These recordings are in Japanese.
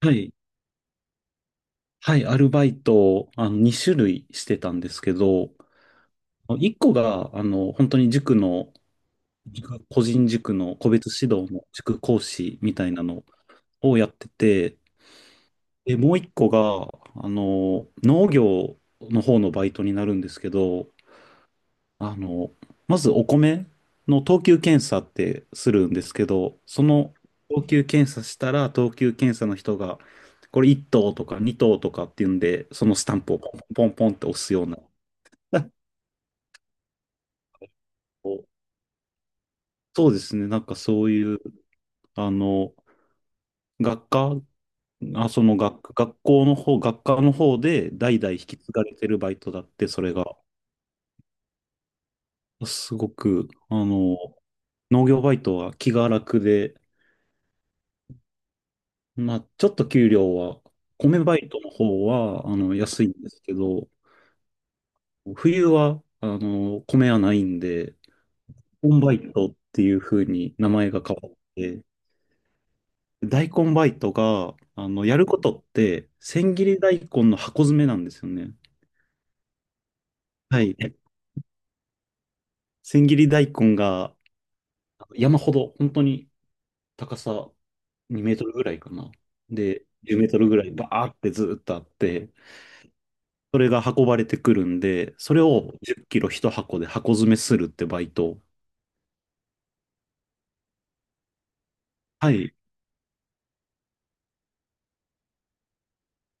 はい。はい、アルバイトを、2種類してたんですけど、1個が、本当に塾の、個人塾の個別指導の塾講師みたいなのをやってて、で、もう1個が、農業の方のバイトになるんですけど、あの、まずお米の等級検査ってするんですけど、その等級検査したら、等級検査の人が、これ1等とか2等とかっていうんで、そのスタンプをポンポンポンって押すような。そうですね、なんかそういう、あの、学科、学校の方、学科の方で代々引き継がれてるバイトだって、それが、すごく、農業バイトは気が楽で、まあ、ちょっと給料は、米バイトの方は、安いんですけど、冬は、米はないんで、コンバイトっていう風に名前が変わって、大根バイトが、やることって、千切り大根の箱詰めなんですよね。はい。千切り大根が山ほど、本当に高さ2メートルぐらいかな。で、10メートルぐらいバーってずっとあって、それが運ばれてくるんで、それを10キロ1箱で箱詰めするってバイト。はい。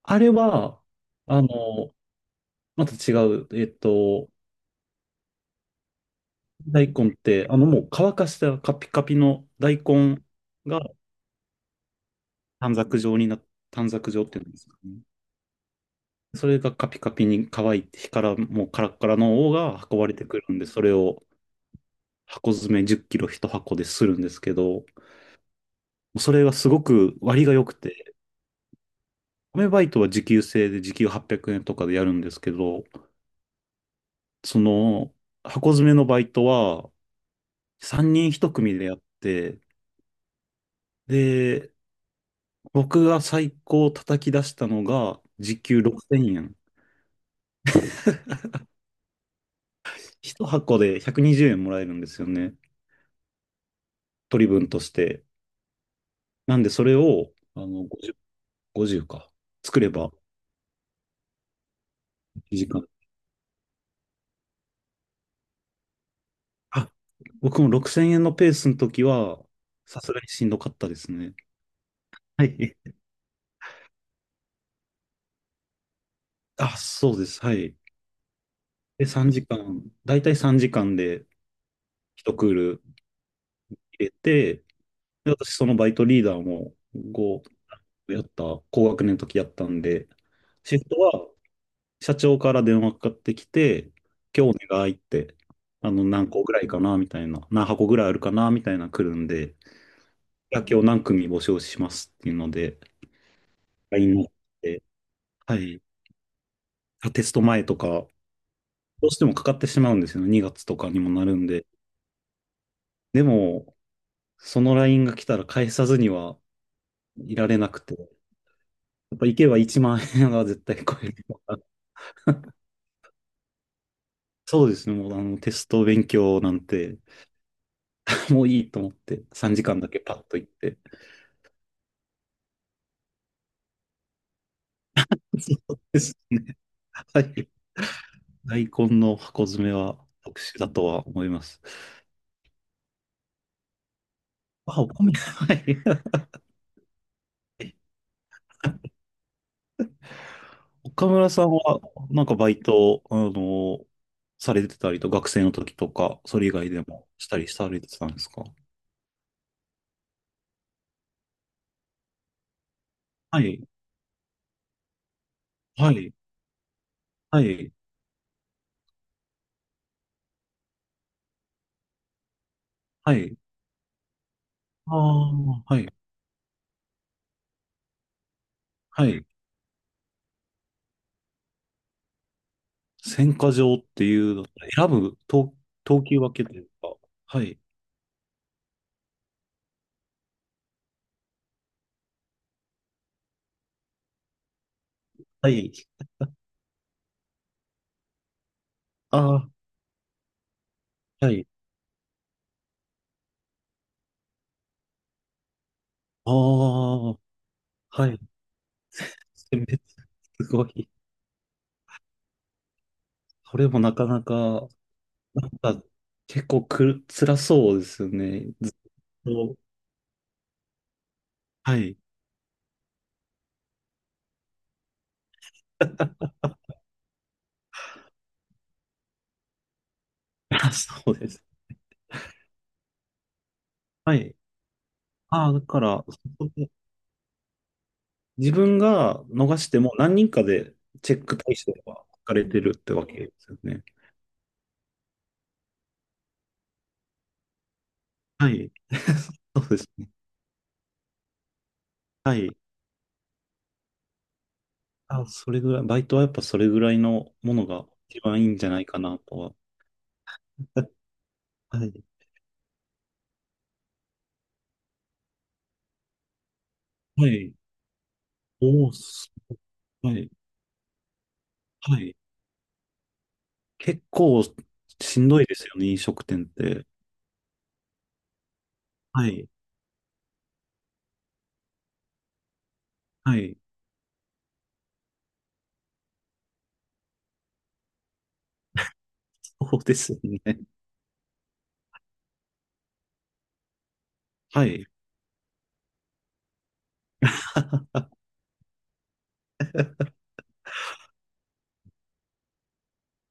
あれは、あの、また違う。えっと、大根って、もう乾かしたカピカピの大根が短冊状にな、短冊状っていうんですかね。それがカピカピに乾いて、火からもうカラッカラの方が運ばれてくるんで、それを箱詰め10キロ1箱でするんですけど、それがすごく割が良くて、アメバイトは時給制で時給800円とかでやるんですけど、その箱詰めのバイトは3人1組でやって、で、僕が最高叩き出したのが時給6000円。1箱で120円もらえるんですよね。取り分として。なんでそれを、50か。作れば1時間。あ、僕も6000円のペースの時は、さすがにしんどかったですね。はい。あ、そうです。はい。で、3時間、だいたい3時間で一クール入れて、で、私そのバイトリーダーも5やった、高学年の時やったんで、シフトは社長から電話かかってきて、今日お願いって、何箱ぐらいあるかな、みたいな来るんで、いや今日何組募集しますっていうので、LINE になって、はい、あテスト前とか、どうしてもかかってしまうんですよね、2月とかにもなるんで。でも、その LINE が来たら返さずには、いられなくて。やっぱ行けば1万円は絶対超える。そうですね、もうあのテスト勉強なんて、もういいと思って、3時間だけパッと行って。そうですね、はい。大根の箱詰めは特殊だとは思います。はい。岡村さんは、なんかバイト、されてたりと、学生の時とか、それ以外でもしたりされてたんですか？はい、はい、はい、はい。ああ、はい、はい。選果場っていうの、選ぶ等、等級分けというか、はい。はい。ああ、はい。ああ、はい。選別、すごい。それもなかなか、なんか、結構くる、辛そうですよね。ずっと。はい。辛そうです。はい。ああ、だから、そこで自分が逃しても何人かでチェック対象が置かれてるってわけですよね。はい。そうですね。はい。あ、それぐらい、バイトはやっぱそれぐらいのものが一番いいんじゃないかなとは。はい。はい。おー、すはい。はい。結構しんどいですよね、飲食店って。はい。はい。そうですよね。はい。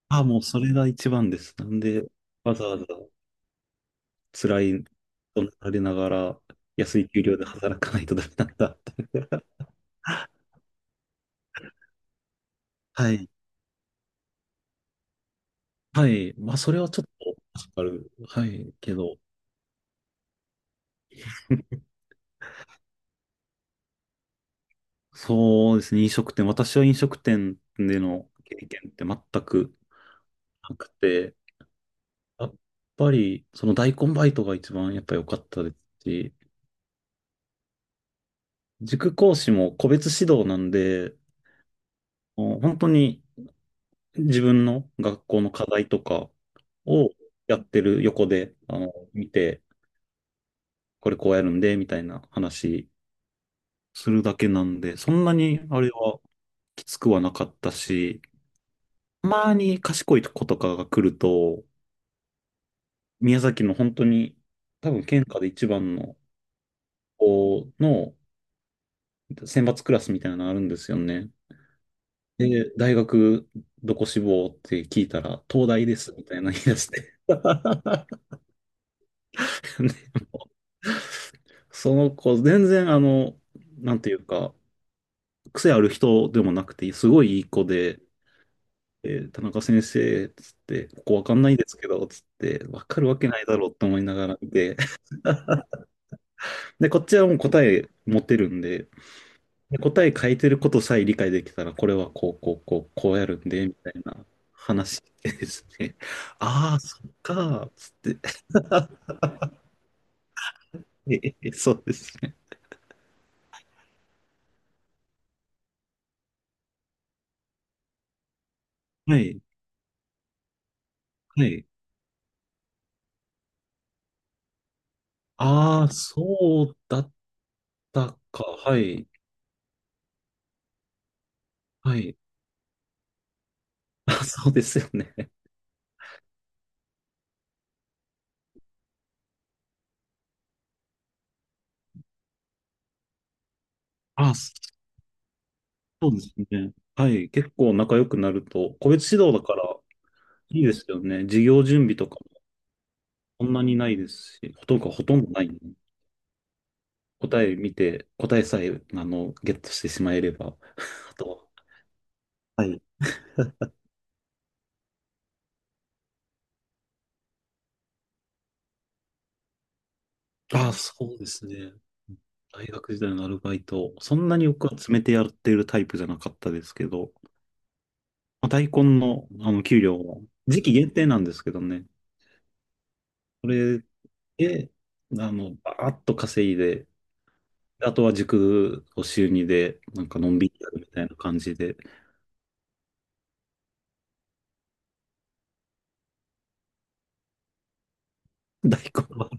あ、もうそれが一番です。なんで、わざわざ辛いとなりながら、安い給料で働かないとダメなんだって。はい。はい。まあ、それはちょっと助かる。はい。けど、そうですね、飲食店。私は飲食店での経験って全くなくて、やっぱり、その大根バイトが一番やっぱ良かったですし、塾講師も個別指導なんで、もう本当に自分の学校の課題とかをやってる横で、見て、これこうやるんで、みたいな話するだけなんで、そんなにあれはきつくはなかったし、たまに賢い子とかが来ると、宮崎の本当に、多分県下で一番の子の選抜クラスみたいなのがあるんですよね。で、大学どこ志望って聞いたら、東大ですみたいな言い出して、その子、全然あの、なんていうか、癖ある人でもなくて、すごいいい子で、えー田中先生、つって、ここわかんないですけど、つって、わかるわけないだろうと思いながら見て、で、こっちはもう答え持ってるんで、で答え書いてることさえ理解できたら、これはこうやるんで、みたいな話ですね。ああ、そっか、つって。ええそうですね。はい、はい。ああ、そうだったか。はい、はい。あ、そうですよね。あ、そうですね。はい。結構仲良くなると、個別指導だからいいですよね。授業準備とかもそんなにないですし、ほとんどない、答え見て、答えさえ、ゲットしてしまえれば。と、はい。ああ、そうですね。大学時代のアルバイト、そんなに僕は詰めてやってるタイプじゃなかったですけど、まあ、大根の、あの給料は時期限定なんですけどね、それで、バーッと稼いで、あとは塾を週にで、なんかのんびりやるみたいな感じで、大根は、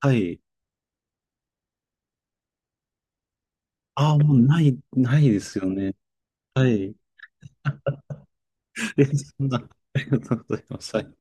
はい。ああ、もうない、ないですよね。はい。え、そんな、ありがとうございます。はい